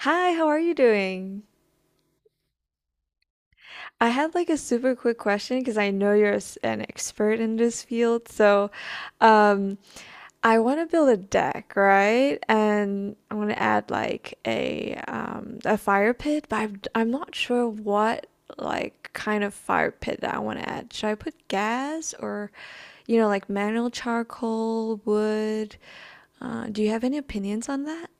Hi, how are you doing? I had like a super quick question because I know you're s- an expert in this field. Um, I want to build a deck, right? And I want to add like a a fire pit, but I'm not sure what like kind of fire pit that I want to add. Should I put gas or, you know, like manual charcoal, wood? Do you have any opinions on that?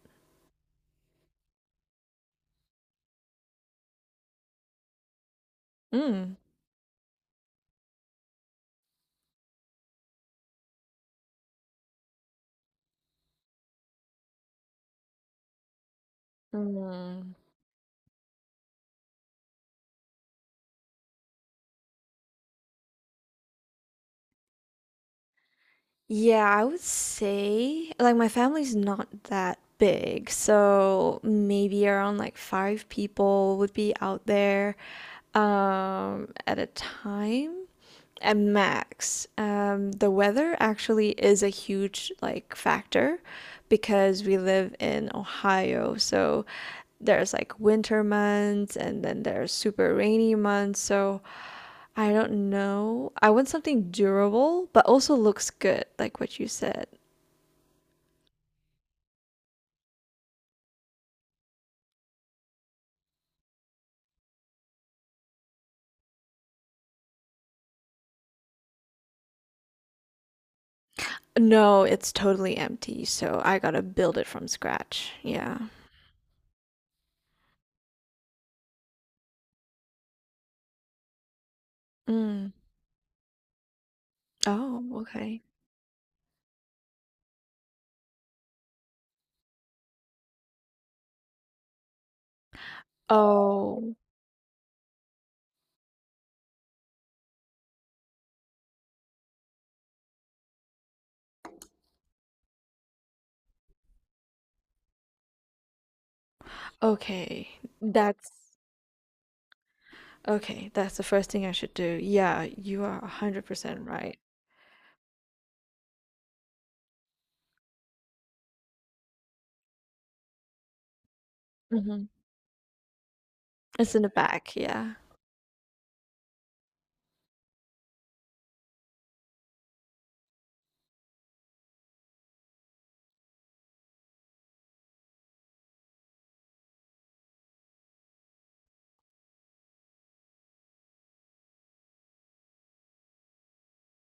Mm. Mm. Yeah, I would say like my family's not that big, so maybe around like five people would be out there at a time at max. The weather actually is a huge like factor because we live in Ohio, so there's like winter months and then there's super rainy months, so I don't know. I want something durable, but also looks good, like what you said. No, it's totally empty, so I gotta build it from scratch. Yeah. Mm. Oh, okay. Oh, okay. That's okay. That's the first thing I should do. Yeah, you are 100% right. Hmm. It's in the back, yeah.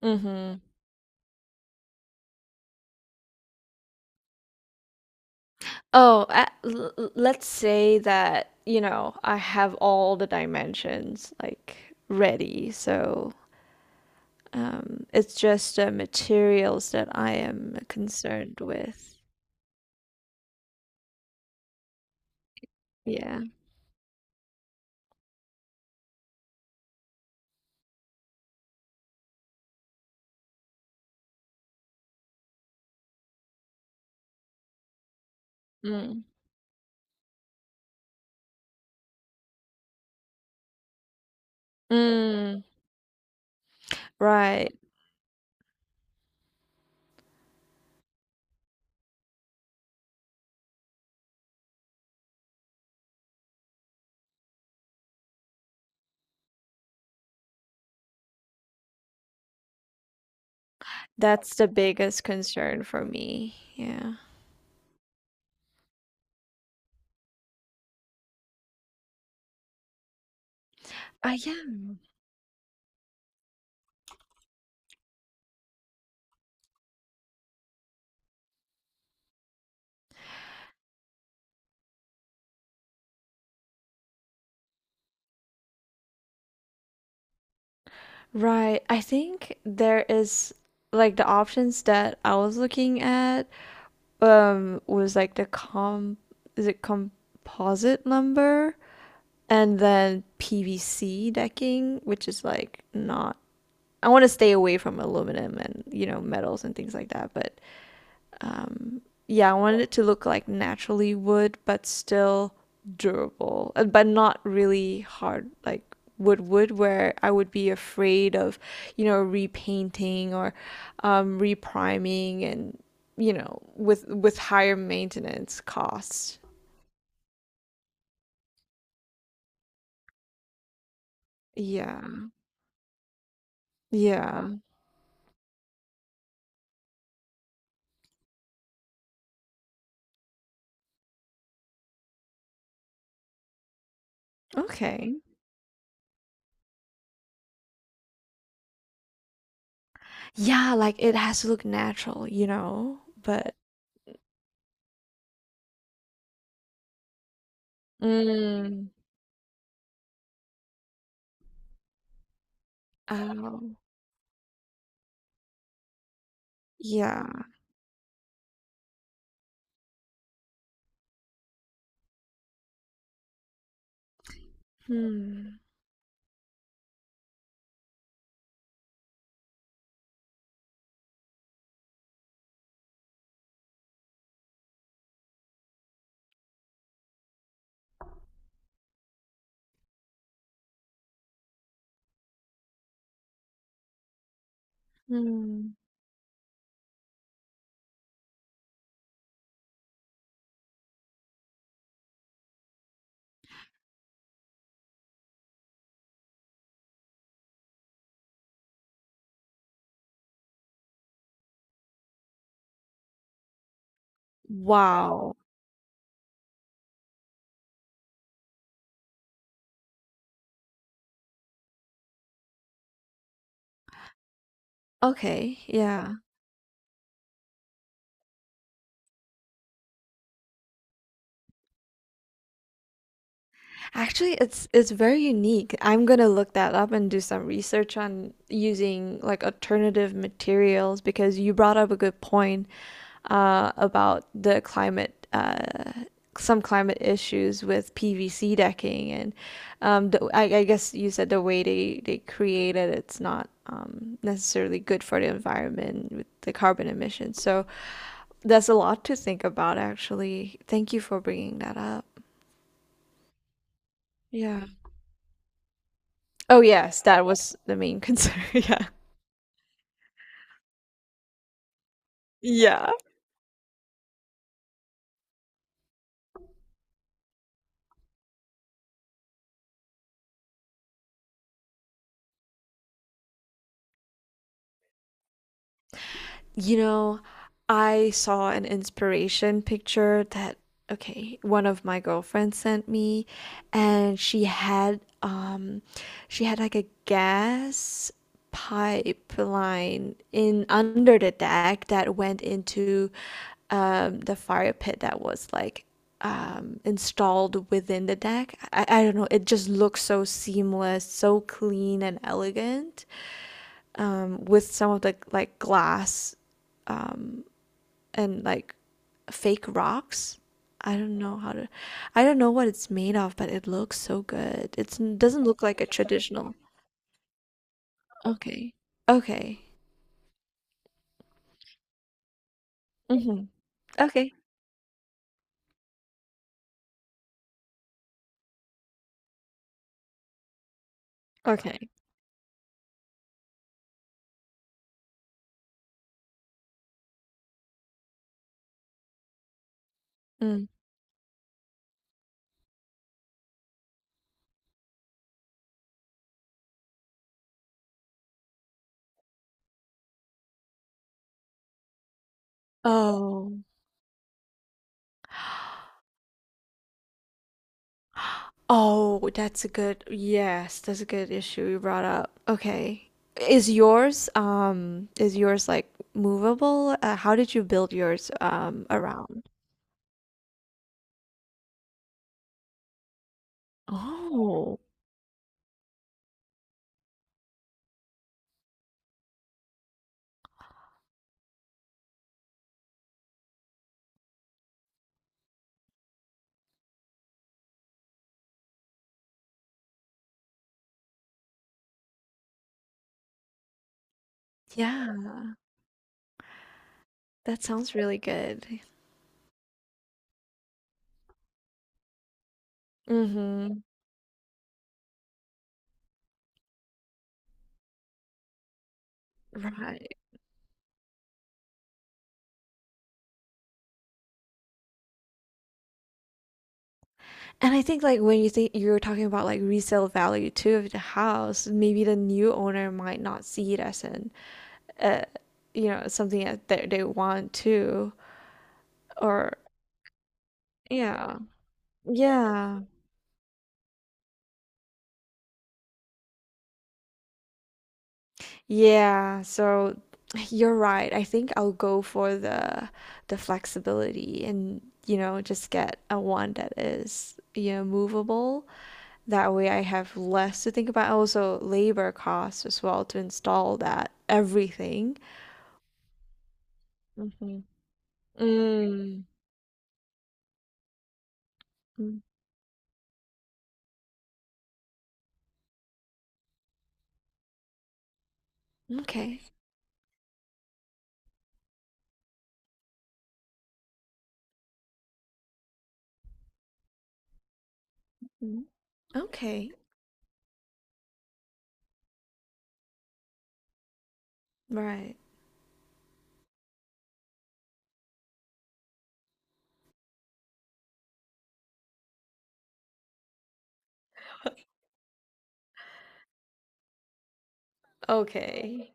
Mm-hmm. Oh, let's say that, you know, I have all the dimensions like ready, so it's just materials that I am concerned with. Yeah. Mm. Mm. Right. That's the biggest concern for me. Yeah. I am. Right. I think there is like the options that I was looking at was like the com is it composite lumber and then PVC decking, which is like not. I want to stay away from aluminum and, you know, metals and things like that. But yeah, I wanted it to look like naturally wood, but still durable, but not really hard, like wood wood, where I would be afraid of, you know, repainting or repriming and, you know, with higher maintenance costs. Yeah. Yeah. Okay. Yeah, like it has to look natural, you know, but mm, oh, yeah. Hmm, hmm. Wow. Okay, yeah. Actually, it's very unique. I'm gonna look that up and do some research on using like alternative materials because you brought up a good point about the climate, some climate issues with PVC decking and the, I guess you said the way they create it, it's not necessarily good for the environment with the carbon emissions. So that's a lot to think about, actually. Thank you for bringing that up. Yeah. Oh, yes, that was the main concern. Yeah. Yeah. You know, I saw an inspiration picture that, okay, one of my girlfriends sent me, and she had like a gas pipeline in under the deck that went into the fire pit that was like installed within the deck. I don't know, it just looks so seamless, so clean and elegant with some of the like glass, um, and like fake rocks. I don't know how to, I don't know what it's made of, but it looks so good. It's, it doesn't look like a traditional. Okay. Okay. Mm-hmm. Okay. Okay. Mm. Oh. Oh, that's a good, yes, that's a good issue you brought up. Okay. Is yours like movable? How did you build yours, around? Oh. Yeah, that sounds really good. Mhm. Right. And I think, like, when you think you were talking about, like, resale value too of the house, maybe the new owner might not see it as an, uh, you know, something that they want to. Or yeah. Yeah. Yeah, so you're right. I think I'll go for the flexibility and, you know, just get a one that is, you know, movable. That way I have less to think about. Also, labor costs as well to install that everything. Mhm. Mm. Mm, okay. Mhm. Okay. Right. Okay.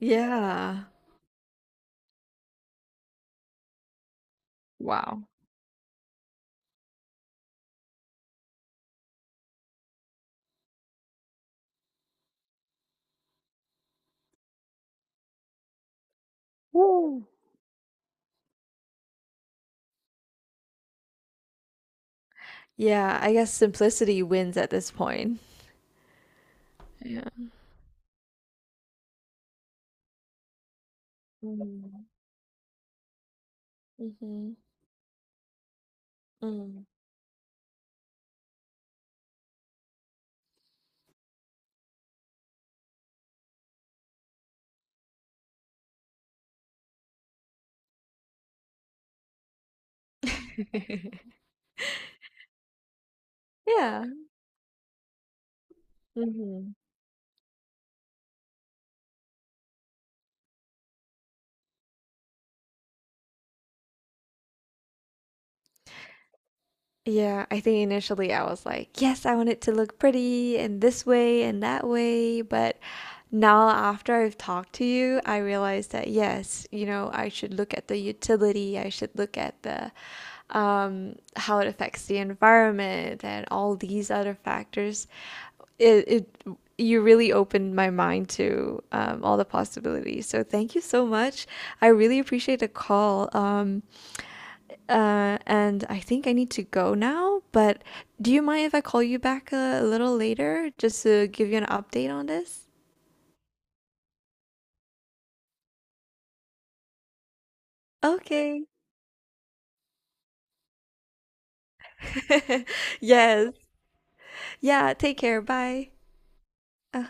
Yeah. Wow. Woo. Yeah, I guess simplicity wins at this point. Yeah. Mm. Mhm. Mm. Yeah. Hmm. Yeah, I think initially I was like, yes, I want it to look pretty and this way and that way, but now after I've talked to you, I realized that yes, you know, I should look at the utility, I should look at the how it affects the environment and all these other factors. It you really opened my mind to all the possibilities. So thank you so much. I really appreciate the call. And I think I need to go now, but do you mind if I call you back a little later just to give you an update on this? Okay. Yes. Yeah, take care. Bye. Uh-huh.